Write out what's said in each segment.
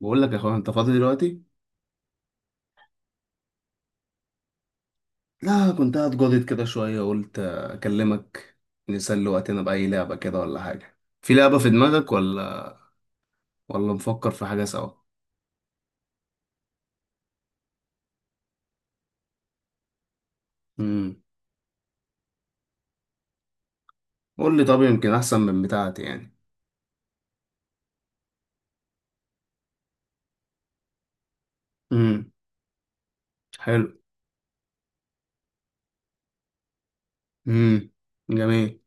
بقول لك يا اخويا، انت فاضي دلوقتي؟ لا، كنت قاعد جادد كده شويه قلت اكلمك. نسلي وقتنا باي لعبه كده، ولا حاجه في لعبه في دماغك، ولا نفكر في حاجه سوا؟ امم قول لي، طب يمكن احسن من بتاعتي يعني. امم حلو. امم جميل.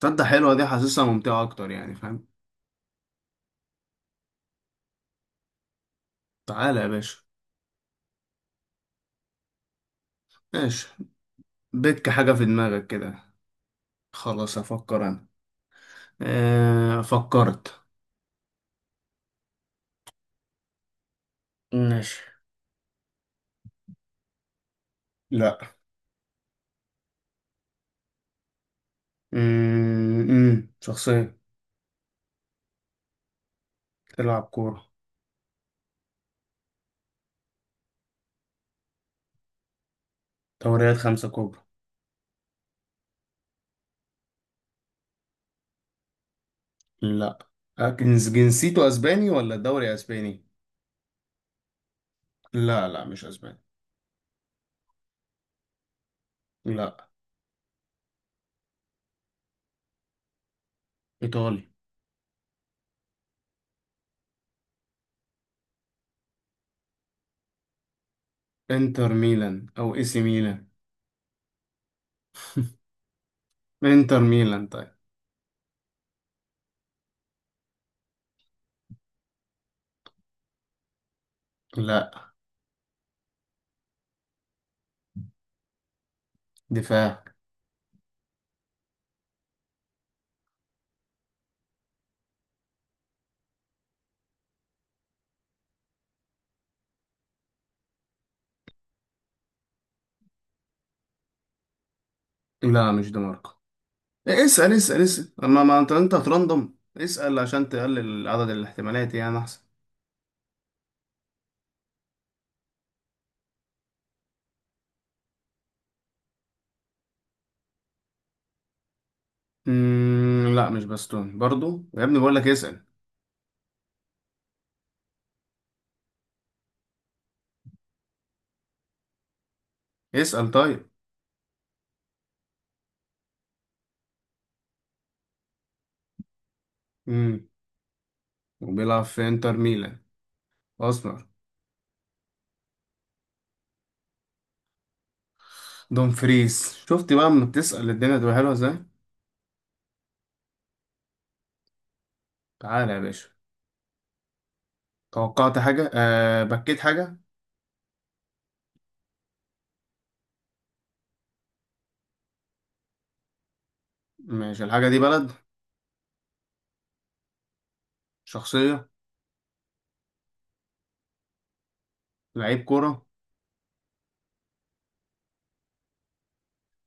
تصدق حلوه دي، حاسسها ممتعه اكتر يعني، فاهم؟ تعالى يا باشا. ماشي، بك حاجه في دماغك كده؟ خلاص افكر انا. فكرت. ماشي. لا. شخصيه. تلعب كورة. دوريات خمسة كبرى. لا. أكنز جنسيته أسباني ولا دوري أسباني؟ لا لا، مش أسباني. لا. إيطالي. إنتر ميلان أو إي سي ميلان؟ إنتر ميلان طيب. لا. دفاع. لا، مش دي ماركو. إيه، اسأل اسأل اسأل أما، ما أنت هترندم، اسأل عشان تقلل عدد الاحتمالات يعني أحسن. مم، لا مش باستون برضو يا ابني، بقول لك اسأل. اسأل طيب. مم. وبيلعب في إنتر ميلان أصلا. دوم فريز، شفت بقى اما بتسأل الدنيا تبقى حلوة ازاي. تعالى يا باشا. توقعت حاجة، أه بكيت حاجة؟ ماشي، الحاجة دي بلد؟ شخصية. لعيب كورة.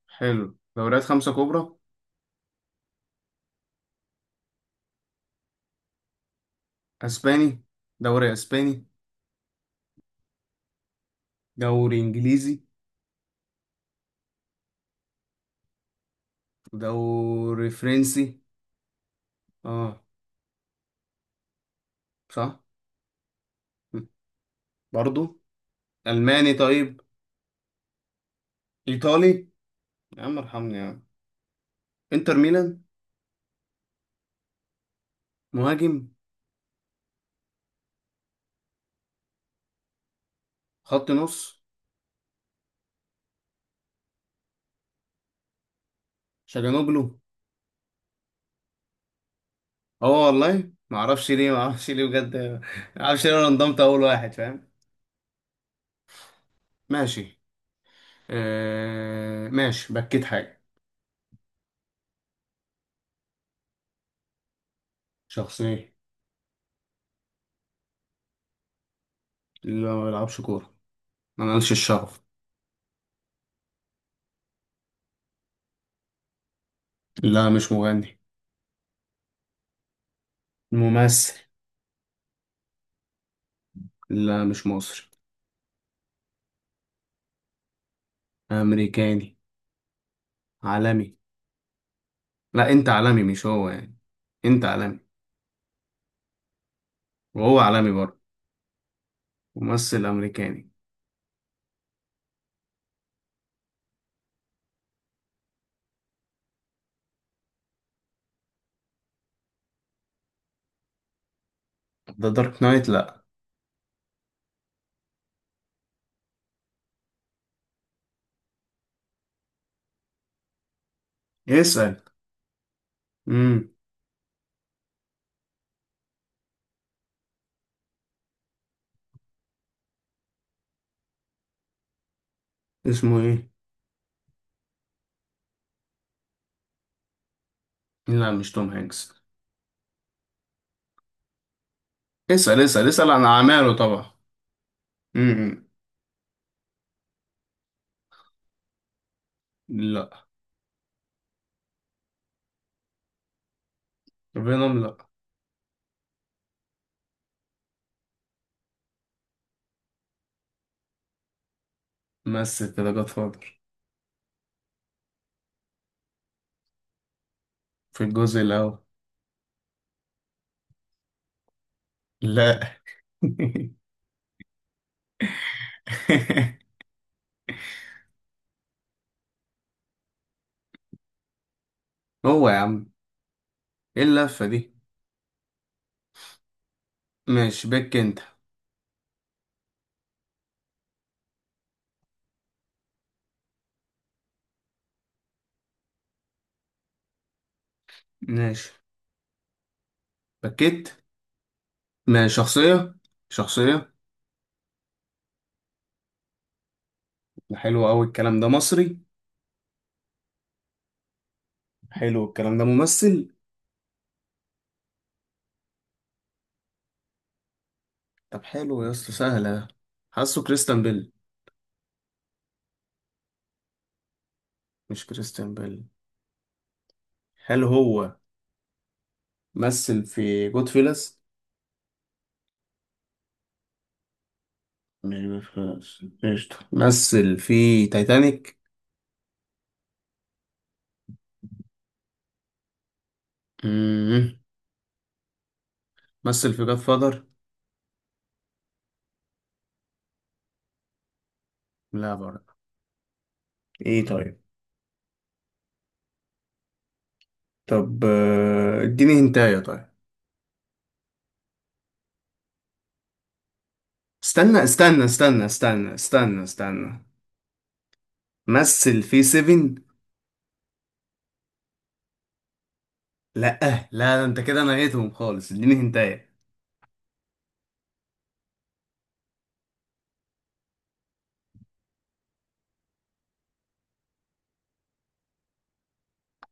حلو، دوريات خمسة كبرى. أسباني؟ دوري أسباني؟ دوري إنجليزي؟ دوري فرنسي؟ اه صح. م. برضو؟ ألماني طيب. إيطالي. يا عم ارحمني يا عم. إنتر ميلان. مهاجم. خط نص. شاجانوجلو. اه، والله ما اعرفش ليه، ما اعرفش ليه بجد، ما اعرفش ليه انا انضمت اول واحد، فاهم؟ ماشي. ماشي، بكيت حاجه؟ شخصيه. اللي ما بيلعبش كوره، ما مالش الشغف. لا مش مغني. ممثل. لا مش مصري. امريكاني. عالمي؟ لا، انت عالمي مش هو يعني. انت عالمي، وهو عالمي برضه. ممثل امريكاني. ده دارك نايت؟ لا. اسال. امم اسمه ايه؟ لا مش توم هانكس. اسال اسال اسال عن اعماله طبعا. امم لا. فينوم لا. مثل كده جاد فاذر؟ في الجزء الأول. لا. هو يا عم. ايه اللفة دي؟ ماشي بك انت. ماشي. بكيت. ماشي شخصية. شخصية. ده حلو أوي الكلام ده. مصري؟ حلو الكلام ده. ممثل؟ طب حلو يا اسطى، سهلة. حاسه كريستيان بيل. مش كريستيان بيل؟ هل هو مثل في جود فيلس؟ مش جود فيلس، قشطة. مثل في تايتانيك؟ مم. مثل في جاد فاذر؟ لا برضه. ايه طيب. طب، اديني هنتايه طيب. استنى استنى استنى استنى استنى استنى. مثل في سيفن؟ لا. لا ده انت كده نهيتهم خالص، اديني هنتايه.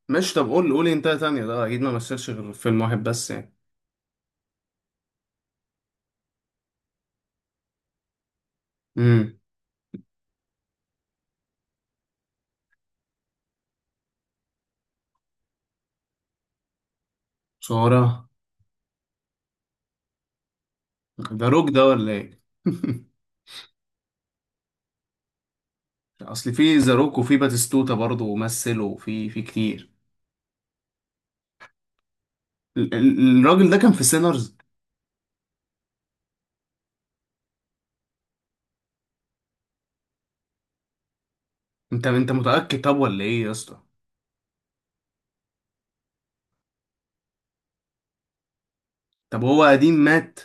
ماشي طب، قول قول هنتايه تانية. ده اكيد ما مثلش غير في فيلم واحد بس يعني. امم صورة. ده روك ده ولا ايه؟ اصل في ذا روك، وفي باتيستوتا برضه ومثل، وفي كتير. الراجل ده كان في سينرز. انت متأكد طب ولا ايه يا اسطى؟ طب هو قديم، مات؟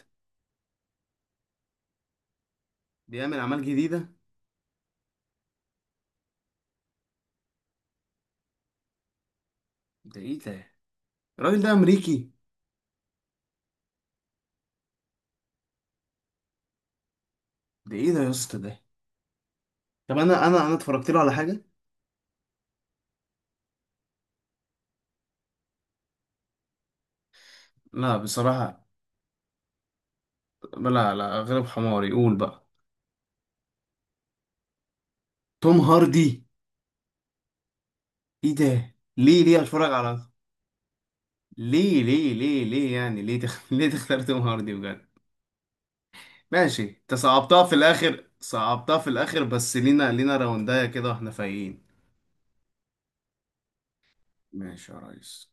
بيعمل اعمال جديده؟ ده ايه ده؟ الراجل ده امريكي. ده ايه ده يا اسطى ده؟ طب انا اتفرجت له على حاجه. لا بصراحه. لا لا، غلب حماري، قول بقى. توم هاردي؟ ايه ده، ليه ليه اتفرج على؟ ليه ليه ليه ليه يعني، ليه ليه تختار توم هاردي بجد؟ ماشي، انت صعبتها في الاخر، صعبتها في الاخر، بس لينا راوندايه كده واحنا فايقين. ماشي يا ريس.